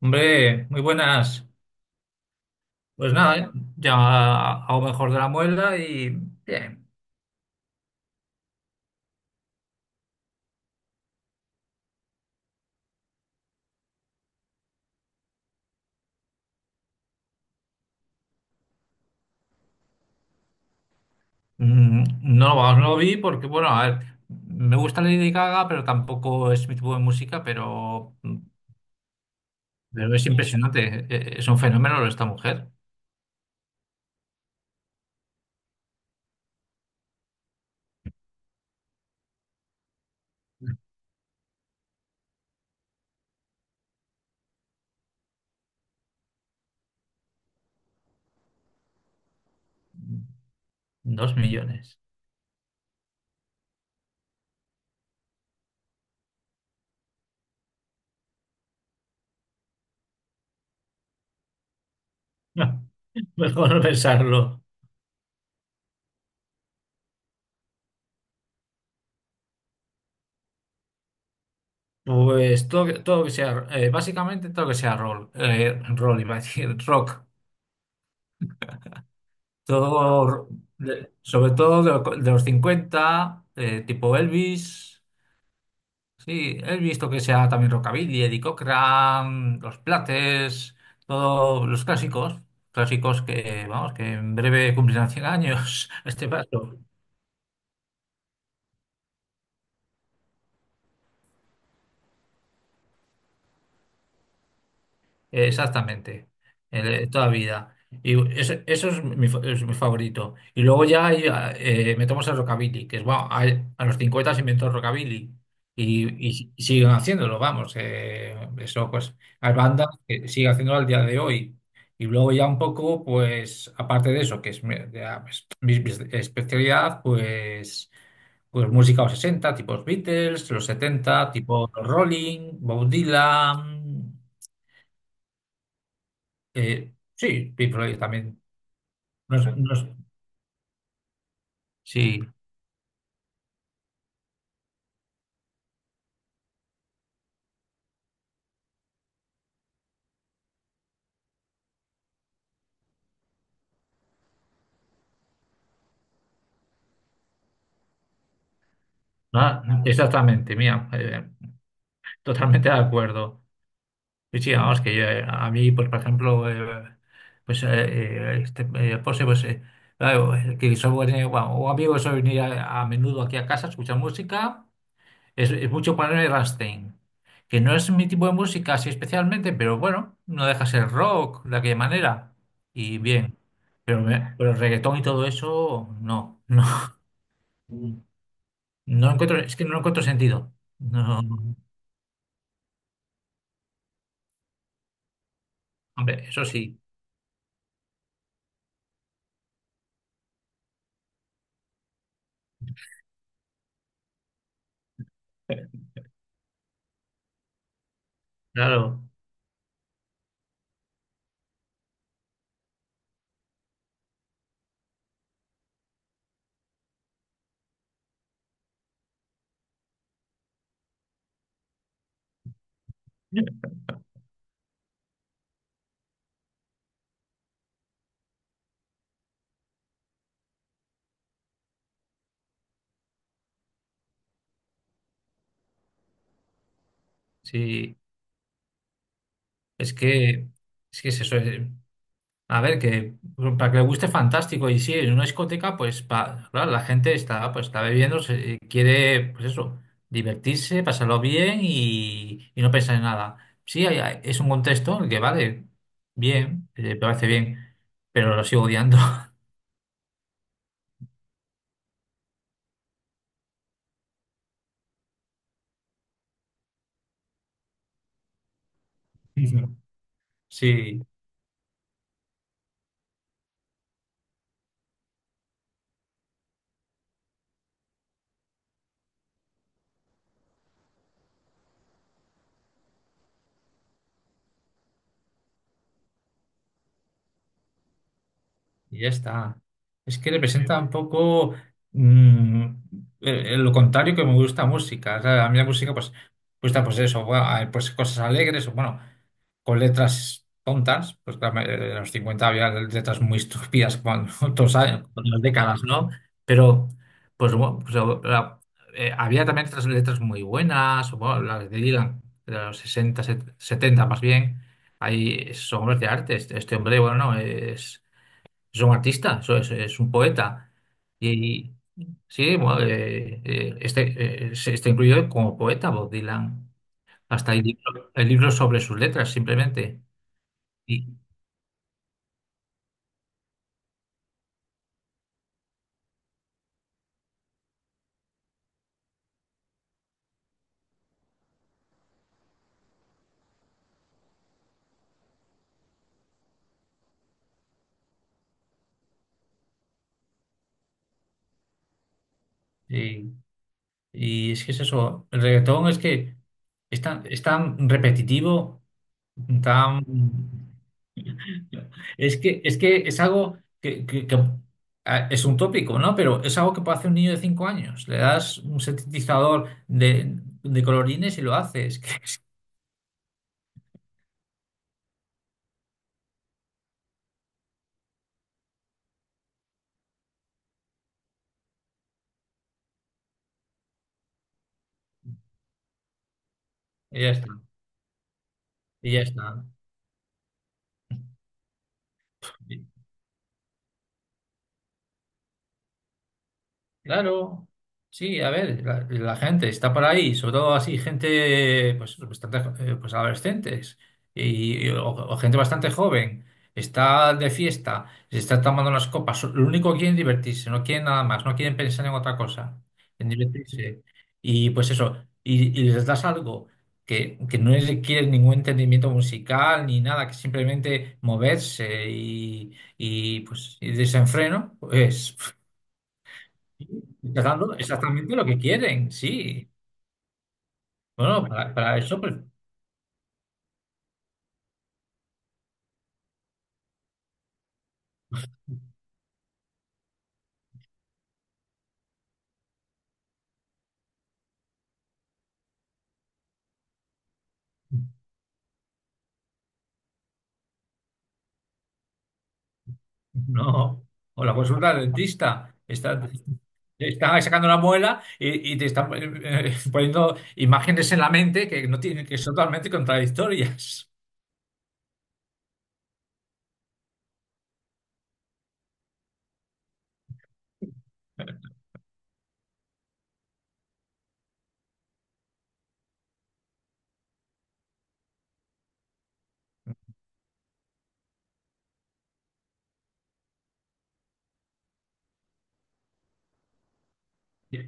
Hombre, muy buenas. Pues nada, ¿eh? Ya hago mejor de la muela y bien. Mm, no, vamos, no lo vi porque, bueno, a ver, me gusta Lady Gaga, pero tampoco es mi tipo de música, pero es impresionante. Es un fenómeno lo de esta mujer. 2 millones. Mejor no pensarlo. Pues todo, todo que sea, básicamente todo que sea roll, roll, iba a decir, rock. Todo, sobre todo de, de los 50 tipo Elvis. Sí, he visto que sea también Rockabilly, Eddie Cochran, Los Plates, todos los clásicos, clásicos que, vamos, que en breve cumplirán 100 años, este paso. Exactamente, toda vida. Y eso es mi favorito. Y luego ya hay, metemos el rockabilly, que es, bueno, a los 50 se inventó el rockabilly y siguen haciéndolo, vamos. Eso, pues, hay bandas que siguen haciéndolo al día de hoy. Y luego ya un poco, pues, aparte de eso, que es mi, ya, pues, mi especialidad, pues, pues música de los 60 tipo los Beatles, los 70 tipo los Rolling, Bob Dylan. Sí, Pink Floyd también. No es- no es- sí, ah, exactamente, mira, totalmente de acuerdo. Sí, sí, vamos, que yo, a mí, pues, por ejemplo, este, José, pues, claro, que soy bueno, un amigo suele venir a menudo aquí a casa a escuchar música, es mucho ponerme Rammstein, que no es mi tipo de música así especialmente, pero bueno, no deja de ser rock de aquella manera, y bien, pero reggaetón y todo eso, no, no. No encuentro, es que no encuentro sentido. No, hombre, eso sí, claro. Sí, es que, es que es eso. A ver, que para que le guste, fantástico. Y sí, en una discoteca, pues claro, la gente está, pues, está bebiendo, quiere, pues eso, divertirse, pasarlo bien y no pensar en nada. Sí, es un contexto en el que vale, bien, me parece bien, pero lo sigo odiando. Sí. Y ya está. Es que representa un poco mm, lo contrario que me gusta música. O sea, a mí la música, pues, gusta pues eso, pues cosas alegres, o bueno, con letras tontas. Pues claro, en los 50 había letras muy estúpidas cuando todos años, con las décadas, ¿no? Pero, pues, bueno, pues, había también otras letras muy buenas, o bueno, las de Dylan, de los 60 70 más bien. Hay esos hombres de arte. Este hombre, bueno, no, es. Es un artista, eso es un poeta. Y sí, bueno, este, está incluido como poeta Bob Dylan. Hasta hay libro, hay libros sobre sus letras, simplemente. Y, y- y es que es eso, el reggaetón es que es tan repetitivo. Tan- es que es algo que, ah, es un tópico, ¿no? Pero es algo que puede hacer un niño de 5 años. Le das un sintetizador de colorines y lo haces. Y ya está. Y ya está. Claro, sí, a ver, la gente está por ahí, sobre todo así, gente, pues, bastante, pues adolescentes o gente bastante joven, está de fiesta, se está tomando unas copas, lo único que quieren es divertirse, no quieren nada más, no quieren pensar en otra cosa, en divertirse. Y pues eso, y les das algo que no requiere ningún entendimiento musical ni nada, que simplemente moverse y pues y desenfreno, pues. Estás dando exactamente lo que quieren, sí. Bueno, para eso, pues, no. O la consulta al dentista. Está, te están sacando una muela y te están poniendo imágenes en la mente que no tienen, que son totalmente contradictorias. Sí,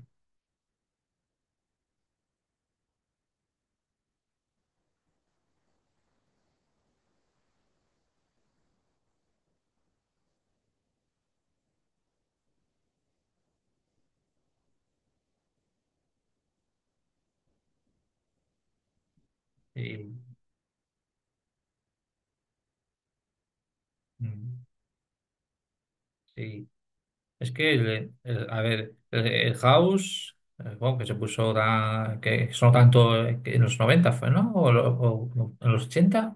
sí, mm, sí. Es que, a ver, el House, bueno, que se puso tan, que sonó tanto que en los 90 fue, ¿no? O en los 80.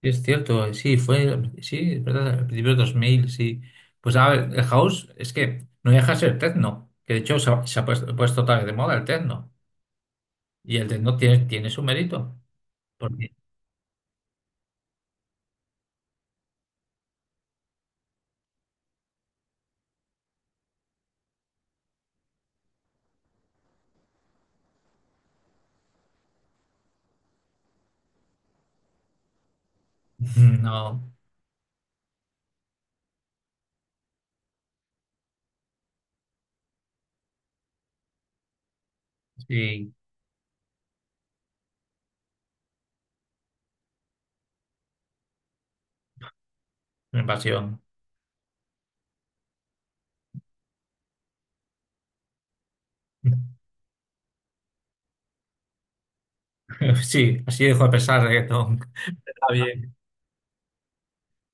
Es cierto, sí, fue, sí, es verdad, al principio de 2000 sí. Pues a ver, el house es que no deja de ser techno, que de hecho se ha puesto otra vez de moda el techno, y el techno tiene su mérito, porque no, sí, mi pasión. Sí, así dejo de pensar reggaetón. Está bien,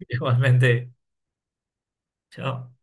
igualmente, chao.